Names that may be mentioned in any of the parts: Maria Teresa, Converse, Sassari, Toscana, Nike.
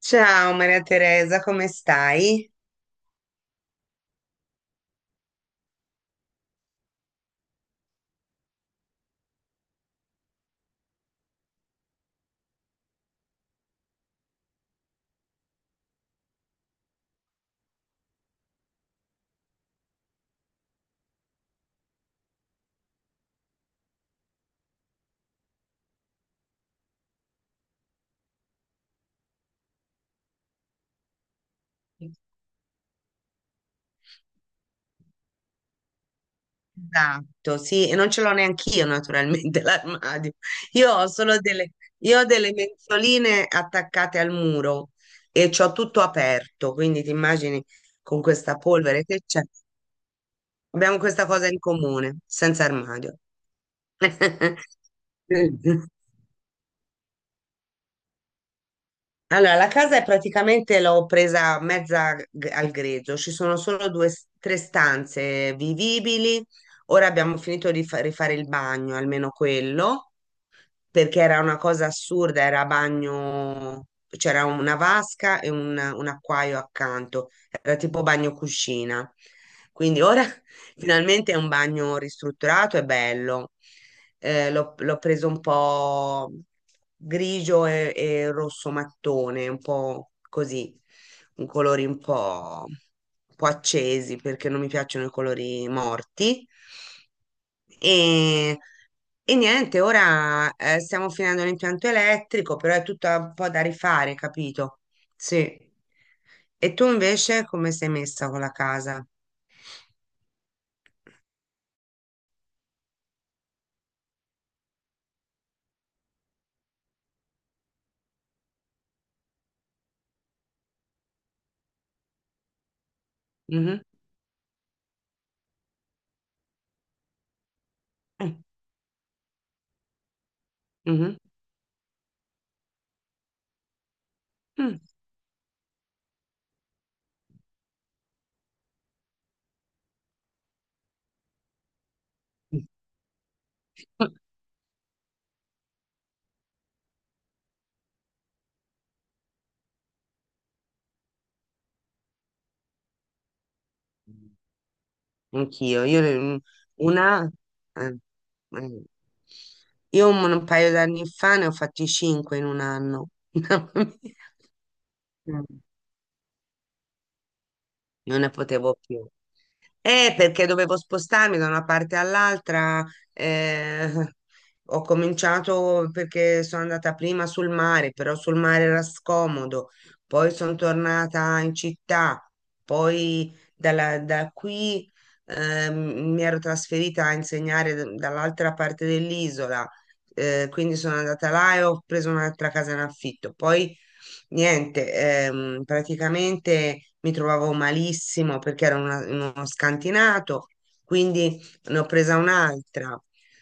Ciao Maria Teresa, come stai? Esatto, sì, e non ce l'ho neanch'io naturalmente l'armadio. Io ho solo delle, io ho delle mensoline attaccate al muro e c'ho tutto aperto, quindi ti immagini con questa polvere che c'è. Abbiamo questa cosa in comune, senza armadio. Allora, la casa è praticamente l'ho presa mezza g- al grezzo, ci sono solo tre stanze vivibili. Ora abbiamo finito di rifare il bagno, almeno quello, perché era una cosa assurda, era bagno, c'era una vasca e un acquaio accanto, era tipo bagno cuscina. Quindi ora finalmente è un bagno ristrutturato e bello. L'ho preso un po' grigio e rosso mattone, un po' così, un colori un po' accesi perché non mi piacciono i colori morti. E, e niente, ora stiamo finendo l'impianto elettrico, però è tutto un po' da rifare, capito? Sì. E tu invece come sei messa con la casa? Mhm. Mm. Mhm. Mm. Anch'io, una... eh, eh. Io un paio d'anni fa ne ho fatti cinque in un anno. Non ne potevo più. Perché dovevo spostarmi da una parte all'altra. eh, Ho cominciato perché sono andata prima sul mare, però sul mare era scomodo. Poi sono tornata in città. Da qui mi ero trasferita a insegnare dall'altra parte dell'isola. Quindi sono andata là e ho preso un'altra casa in affitto. Poi niente, praticamente mi trovavo malissimo perché ero in uno scantinato, quindi ne ho presa un'altra.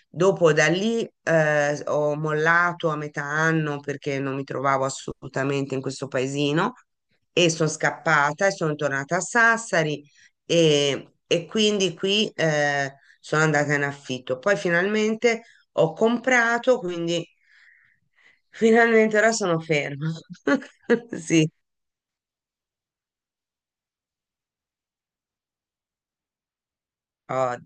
Dopo da lì ho mollato a metà anno perché non mi trovavo assolutamente in questo paesino, e sono scappata e sono tornata a Sassari e quindi qui sono andata in affitto. Poi finalmente ho comprato, quindi finalmente ora sono ferma. Sì, oh,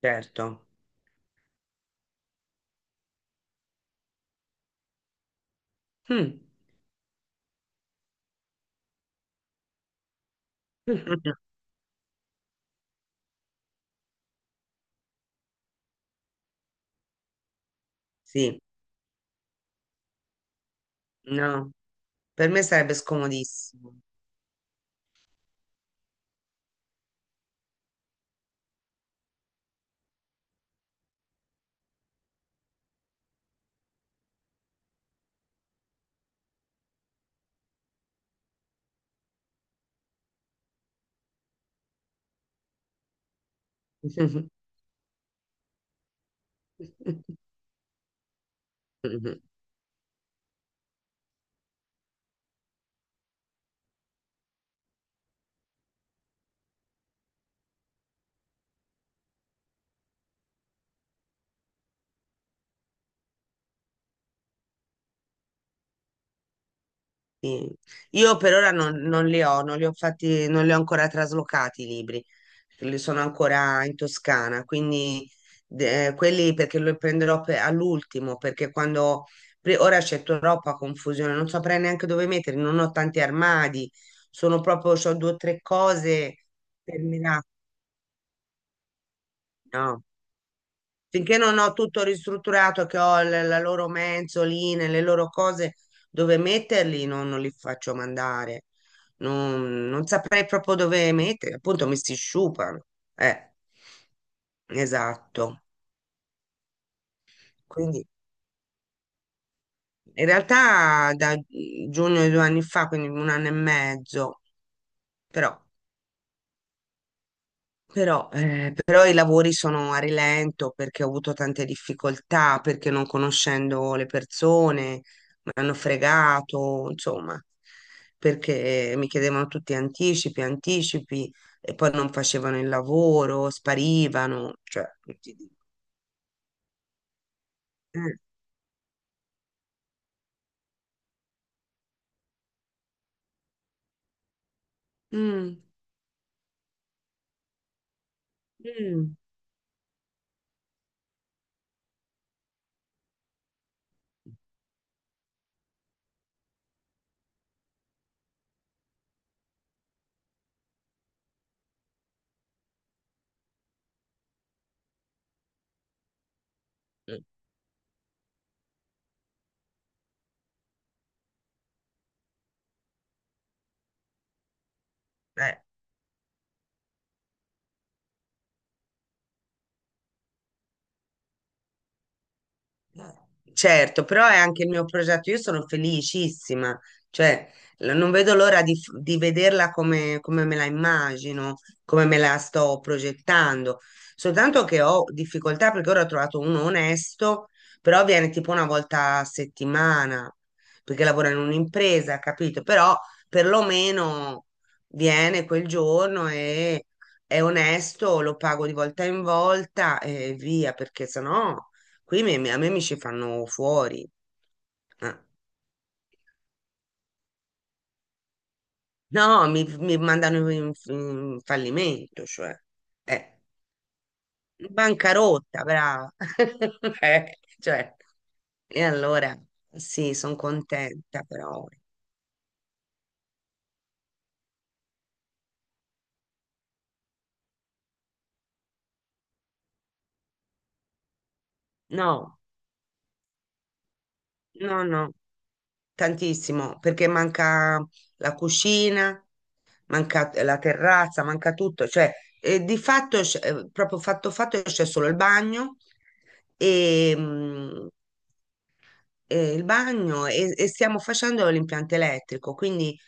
certo. Mm. Sì, no, per me sarebbe scomodissimo. Sì. Io per ora non li ho, non li ho ancora traslocati i libri, li sono ancora in Toscana, quindi quelli perché li prenderò all'ultimo, perché quando ora c'è troppa confusione, non saprei neanche dove metterli, non ho tanti armadi, sono proprio, ho due o tre cose terminate. No? Finché non ho tutto ristrutturato, che ho la loro mensoline, le loro cose dove metterli, non li faccio mandare. Non saprei proprio dove metterli, appunto mi si sciupano. Eh, esatto. Quindi in realtà da giugno di due anni fa, quindi un anno e mezzo, però però, però i lavori sono a rilento perché ho avuto tante difficoltà, perché non conoscendo le persone mi hanno fregato, insomma, perché mi chiedevano tutti anticipi, anticipi, e poi non facevano il lavoro, sparivano, cioè, non ti dico. Eh. Mm. Mm. Mm. Eh. Certo, però è anche il mio progetto. Io sono felicissima, cioè, non vedo l'ora di vederla come, come me la immagino, come me la sto progettando. Soltanto che ho difficoltà perché ora ho trovato uno onesto, però viene tipo una volta a settimana, perché lavora in un'impresa, capito? Però perlomeno viene quel giorno e è onesto, lo pago di volta in volta e via, perché sennò qui a me mi ci fanno fuori. Ah. No, mi mandano in fallimento, cioè. Eh, bancarotta, brava. Cioè, e allora sì, sono contenta però. No, no, no, tantissimo, perché manca la cucina, manca la terrazza, manca tutto, cioè di fatto, proprio fatto fatto, c'è solo il bagno e il bagno, e stiamo facendo l'impianto elettrico, quindi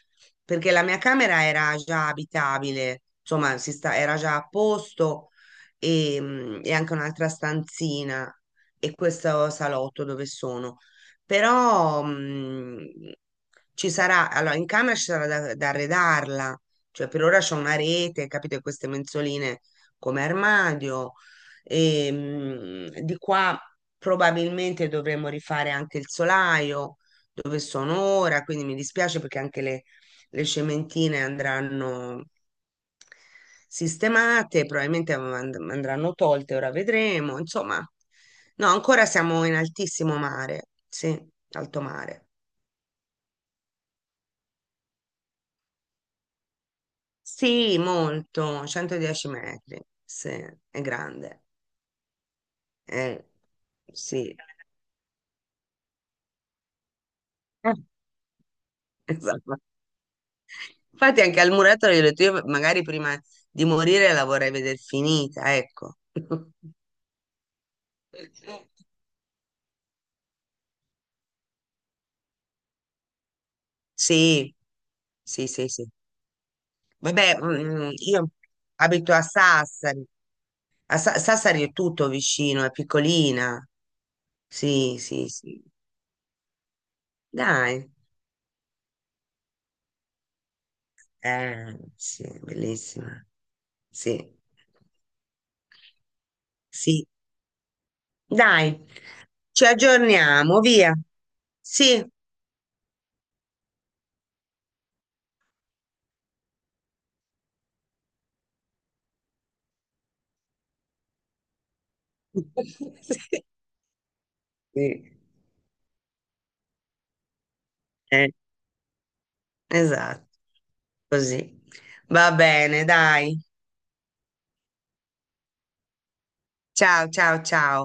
perché la mia camera era già abitabile, insomma, era già a posto e anche un'altra stanzina e questo salotto dove sono. Però ci sarà, allora in camera ci sarà da arredarla, cioè per ora c'è una rete, capite, queste mensoline come armadio. Di qua probabilmente dovremmo rifare anche il solaio dove sono ora, quindi mi dispiace perché anche le cementine andranno sistemate, probabilmente andranno tolte, ora vedremo. Insomma, no, ancora siamo in altissimo mare, sì, alto mare. Sì, molto, 110 metri, sì, è grande. Eh, sì. Eh, esatto. Infatti anche al muratore gli ho detto, io magari prima di morire la vorrei vedere finita, ecco. Sì, sì, sì, sì. Vabbè, io abito a Sassari. Sassari è tutto vicino, è piccolina. Sì, sì, sì. Dai. Sì, è bellissima. Sì, sì. Dai, ci aggiorniamo, via. Sì. Sì, eh, esatto. Così. Va bene, dai. Ciao, ciao, ciao.